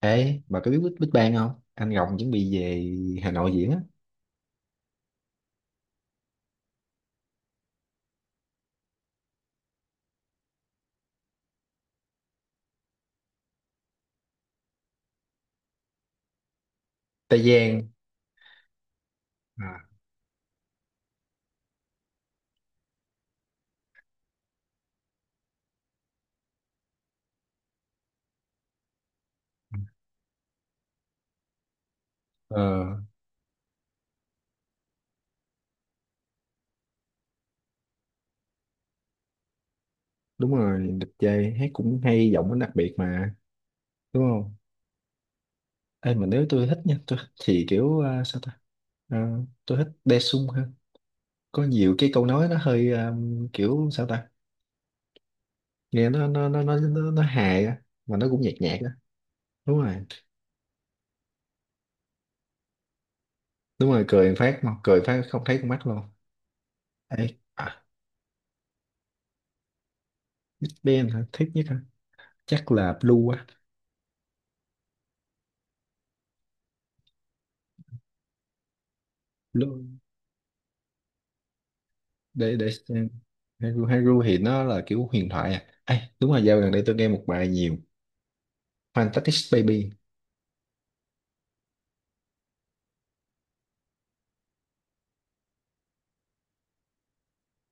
Ê, bà có biết Big Big Bang không? Anh Rồng chuẩn bị về Hà Nội diễn á. Tây Giang. À, Ờ, đúng rồi, đẹp trai, hát cũng hay, giọng nó đặc biệt mà, đúng không? Ê, mà nếu tôi thích nha, tôi thì kiểu, Ờ, tôi thích Daesung hơn. Có nhiều cái câu nói nó hơi kiểu, sao ta? Nghe nó hài á, mà nó cũng nhạt nhạt á. Đúng rồi, đúng rồi, cười một phát mà, cười một phát không thấy con mắt luôn. Ê, à, Big Bang hả? Thích nhất hả? Chắc là Blue á. Blue. Để xem. Haru Haru thì nó là kiểu huyền thoại à. Ê, đúng rồi, dạo gần đây tôi nghe một bài nhiều. Fantastic Baby.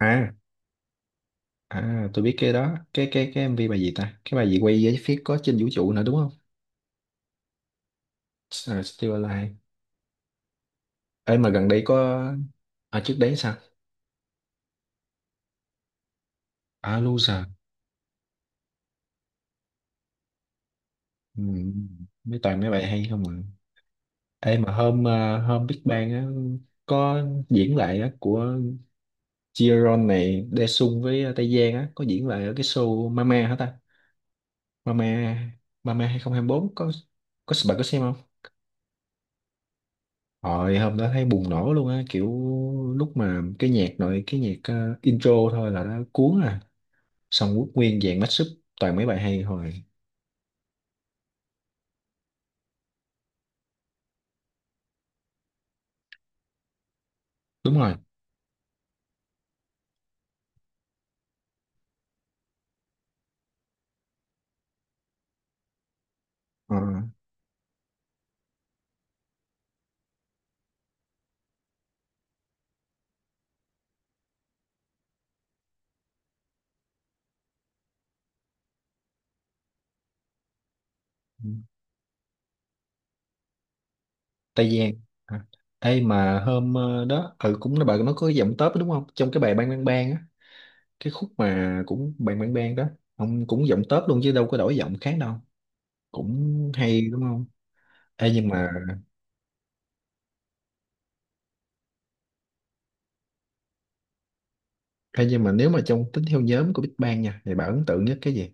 À, à, tôi biết cái đó, cái MV bài gì ta, cái bài gì quay với phía có trên vũ trụ nữa, đúng không? À, Still Alive. Ê, mà gần đây có, à trước đấy sao? À, Loser. Ừ. Mấy toàn mấy bài hay không ạ? Ê, mà hôm Big Bang á, có diễn lại á, của Jiron này, Daesung với Tây Giang á, có diễn lại ở cái show Mama hả ta. Mama. Mama 2024 có bạn có xem không? Hồi hôm đó thấy bùng nổ luôn á, kiểu lúc mà cái nhạc nội cái nhạc intro thôi là nó cuốn à. Xong quốc nguyên dàn mashup toàn mấy bài hay hồi. Đúng rồi. Ờ. Tây Giang. À. Ê mà đó ừ, cũng là bà nó có cái giọng tớp đúng không? Trong cái bài Bang Bang Bang á, cái khúc mà cũng Bang Bang Bang đó, ông cũng giọng tớp luôn chứ đâu có đổi giọng khác đâu. Cũng hay đúng không? Ê nhưng mà nhưng mà nếu mà trong tính theo nhóm của Big Bang nha thì bà ấn tượng nhất cái gì.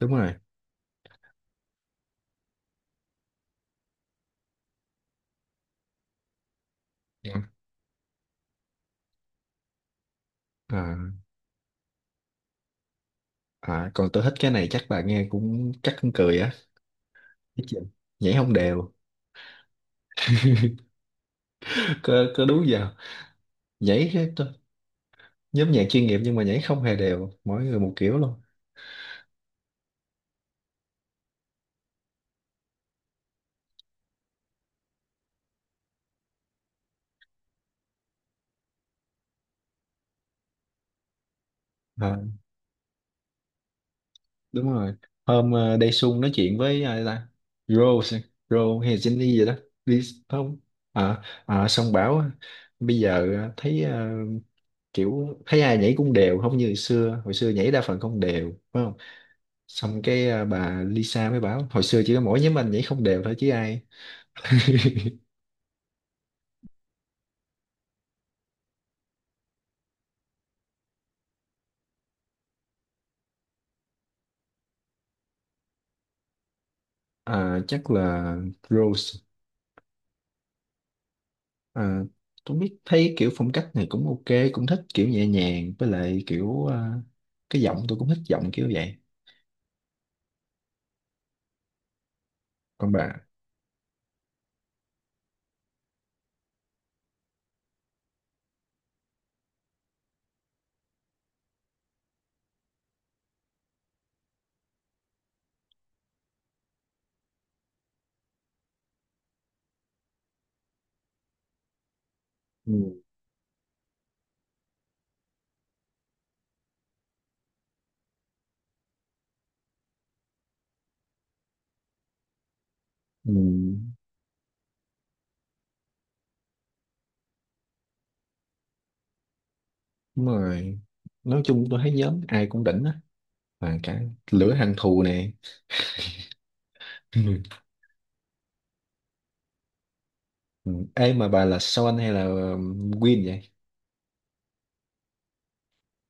Đúng rồi. Dạ. à, à, còn tôi thích cái này, chắc bà nghe cũng chắc cũng cười á. Cái gì? Nhảy không đều. Có đúng giờ, nhảy cái nhóm nhạc chuyên nghiệp nhưng mà nhảy không hề đều, mỗi người một kiểu luôn. À, đúng rồi. Hôm Daesung nói chuyện với ai ta. Rose. Rose hay Jenny gì đó. Đi. Không. À, à, xong bảo bây giờ kiểu thấy ai nhảy cũng đều không như hồi xưa, hồi xưa nhảy đa phần không đều phải không. Xong cái à, bà Lisa mới bảo hồi xưa chỉ có mỗi nhóm anh nhảy không đều thôi chứ ai. À, chắc là Rose. À, tôi biết thấy kiểu phong cách này cũng ok, cũng thích kiểu nhẹ nhàng, với lại kiểu à, cái giọng tôi cũng thích giọng kiểu vậy. Còn bà. Ừ. Ừ. Đúng rồi, nói chung tôi thấy nhóm ai cũng đỉnh á, và cả lửa hận thù nè. Ừ. Ừ. Ê mà bà là Son hay là Win vậy?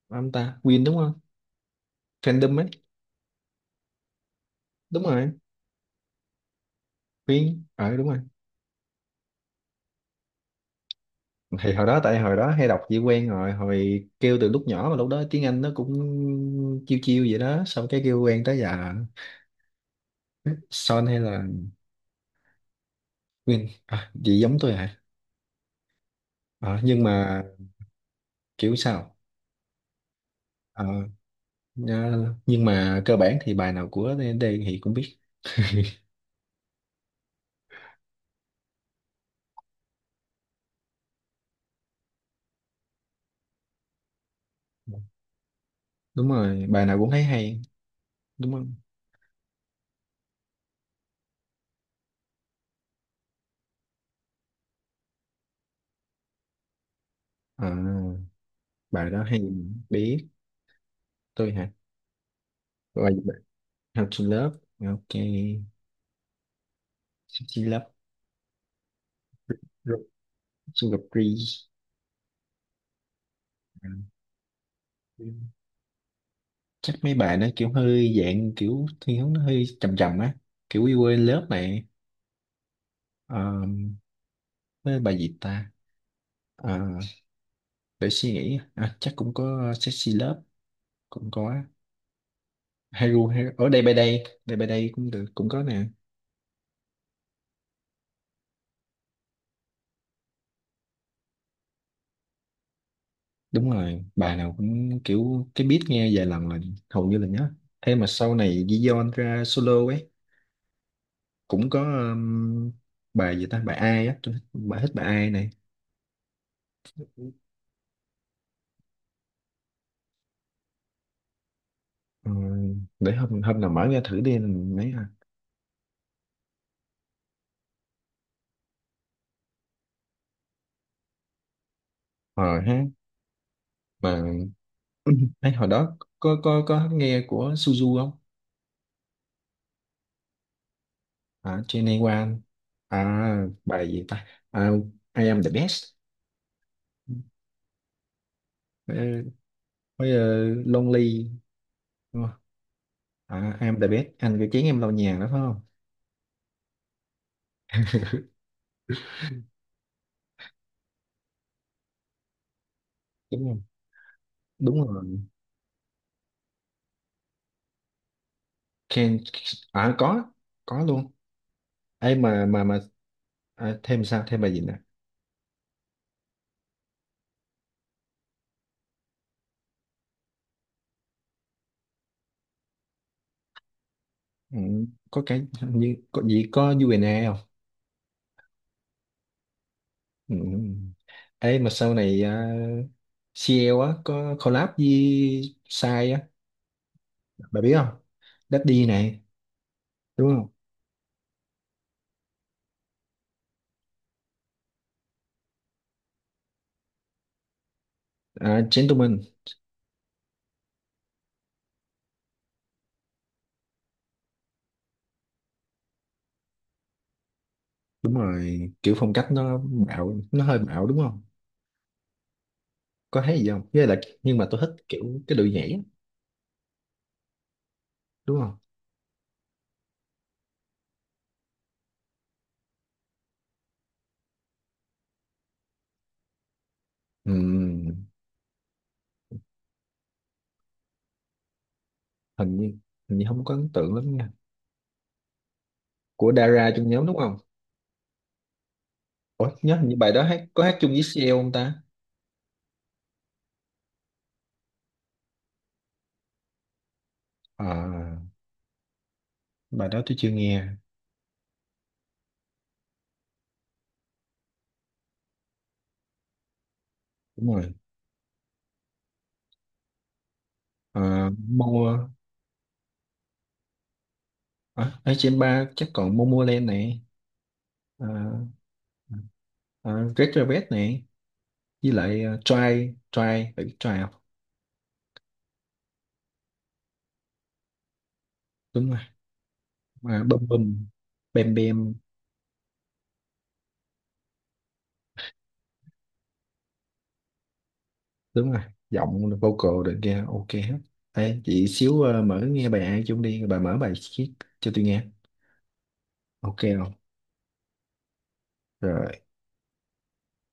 Ông ta Win đúng không? Fandom ấy. Đúng rồi. Win. Ờ đúng rồi. Thì hồi đó tại hồi đó hay đọc chỉ quen rồi, hồi kêu từ lúc nhỏ mà lúc đó tiếng Anh nó cũng chiêu chiêu vậy đó, xong cái kêu quen tới giờ. Son hay là Win, à, gì giống tôi hả. Ờ, nhưng mà kiểu sao. Ờ, nhưng mà cơ bản thì bài nào của D thì cũng biết. Đúng rồi, bài nào cũng thấy hay, đúng không? À, bài đó hay. Biết tôi hả? Bài How to Love. Ok. Sexy Love. Sugar Free. Chắc mấy bài nó kiểu hơi dạng kiểu thiên hướng nó hơi trầm trầm á, kiểu We Were in Love này. Ờ, với bài gì ta. Ờ, để suy nghĩ, à, chắc cũng có Sexy Love, cũng có Hero, Hero ở đây by đây, đây by đây cũng được, cũng có nè. Đúng rồi, bài nào cũng kiểu cái beat nghe vài lần là hầu như là nhớ. Thế mà sau này Giyon ra solo ấy, cũng có bài gì ta, bài ai á tôi thích bài ai này. Ờ, để hôm hôm nào mở ra thử đi mấy. Ờ ha. Mà ấy, hồi đó có nghe của Suzu không. À Genewan. À bài gì ta. À, I am the best. Ờ, với ờ, Lonely, đúng không? À I am the best, anh cái chén em lau nhà đó phải không. Đúng không? Đúng rồi. Can. À có luôn. Ấy mà mà mà. À, thêm sao, thêm bài gì nè. Ừ, có cái hình như có gì có UNA không. Ừ. Ấy mà sau này à, CL á có collab với Sai á, bà biết không. Daddy này, đúng không. À, Gentleman. Đúng rồi, kiểu phong cách nó bạo, nó hơi bạo đúng không. Có thấy gì không, với lại nhưng mà tôi thích kiểu cái đội nhảy á, đúng không. Ừm, hình như hình như không có ấn tượng lắm nha, của Dara trong nhóm đúng không. Ủa nhớ hình như bài đó hát có hát chung với CL không ta. À, bài đó tôi chưa nghe. Đúng rồi. À, Mo. À, ở trên ba chắc còn Momoland này. À, à, Red Velvet này, với lại à, Try. Try, phải biết Try không. Đúng rồi. À, Bum Bum, bem, Bam. Đúng rồi, giọng vocal được kia ok hết. Ê, chị xíu à, mở nghe bài ai chung đi, bà mở bài chiếc cho tôi nghe. Ok không? Rồi.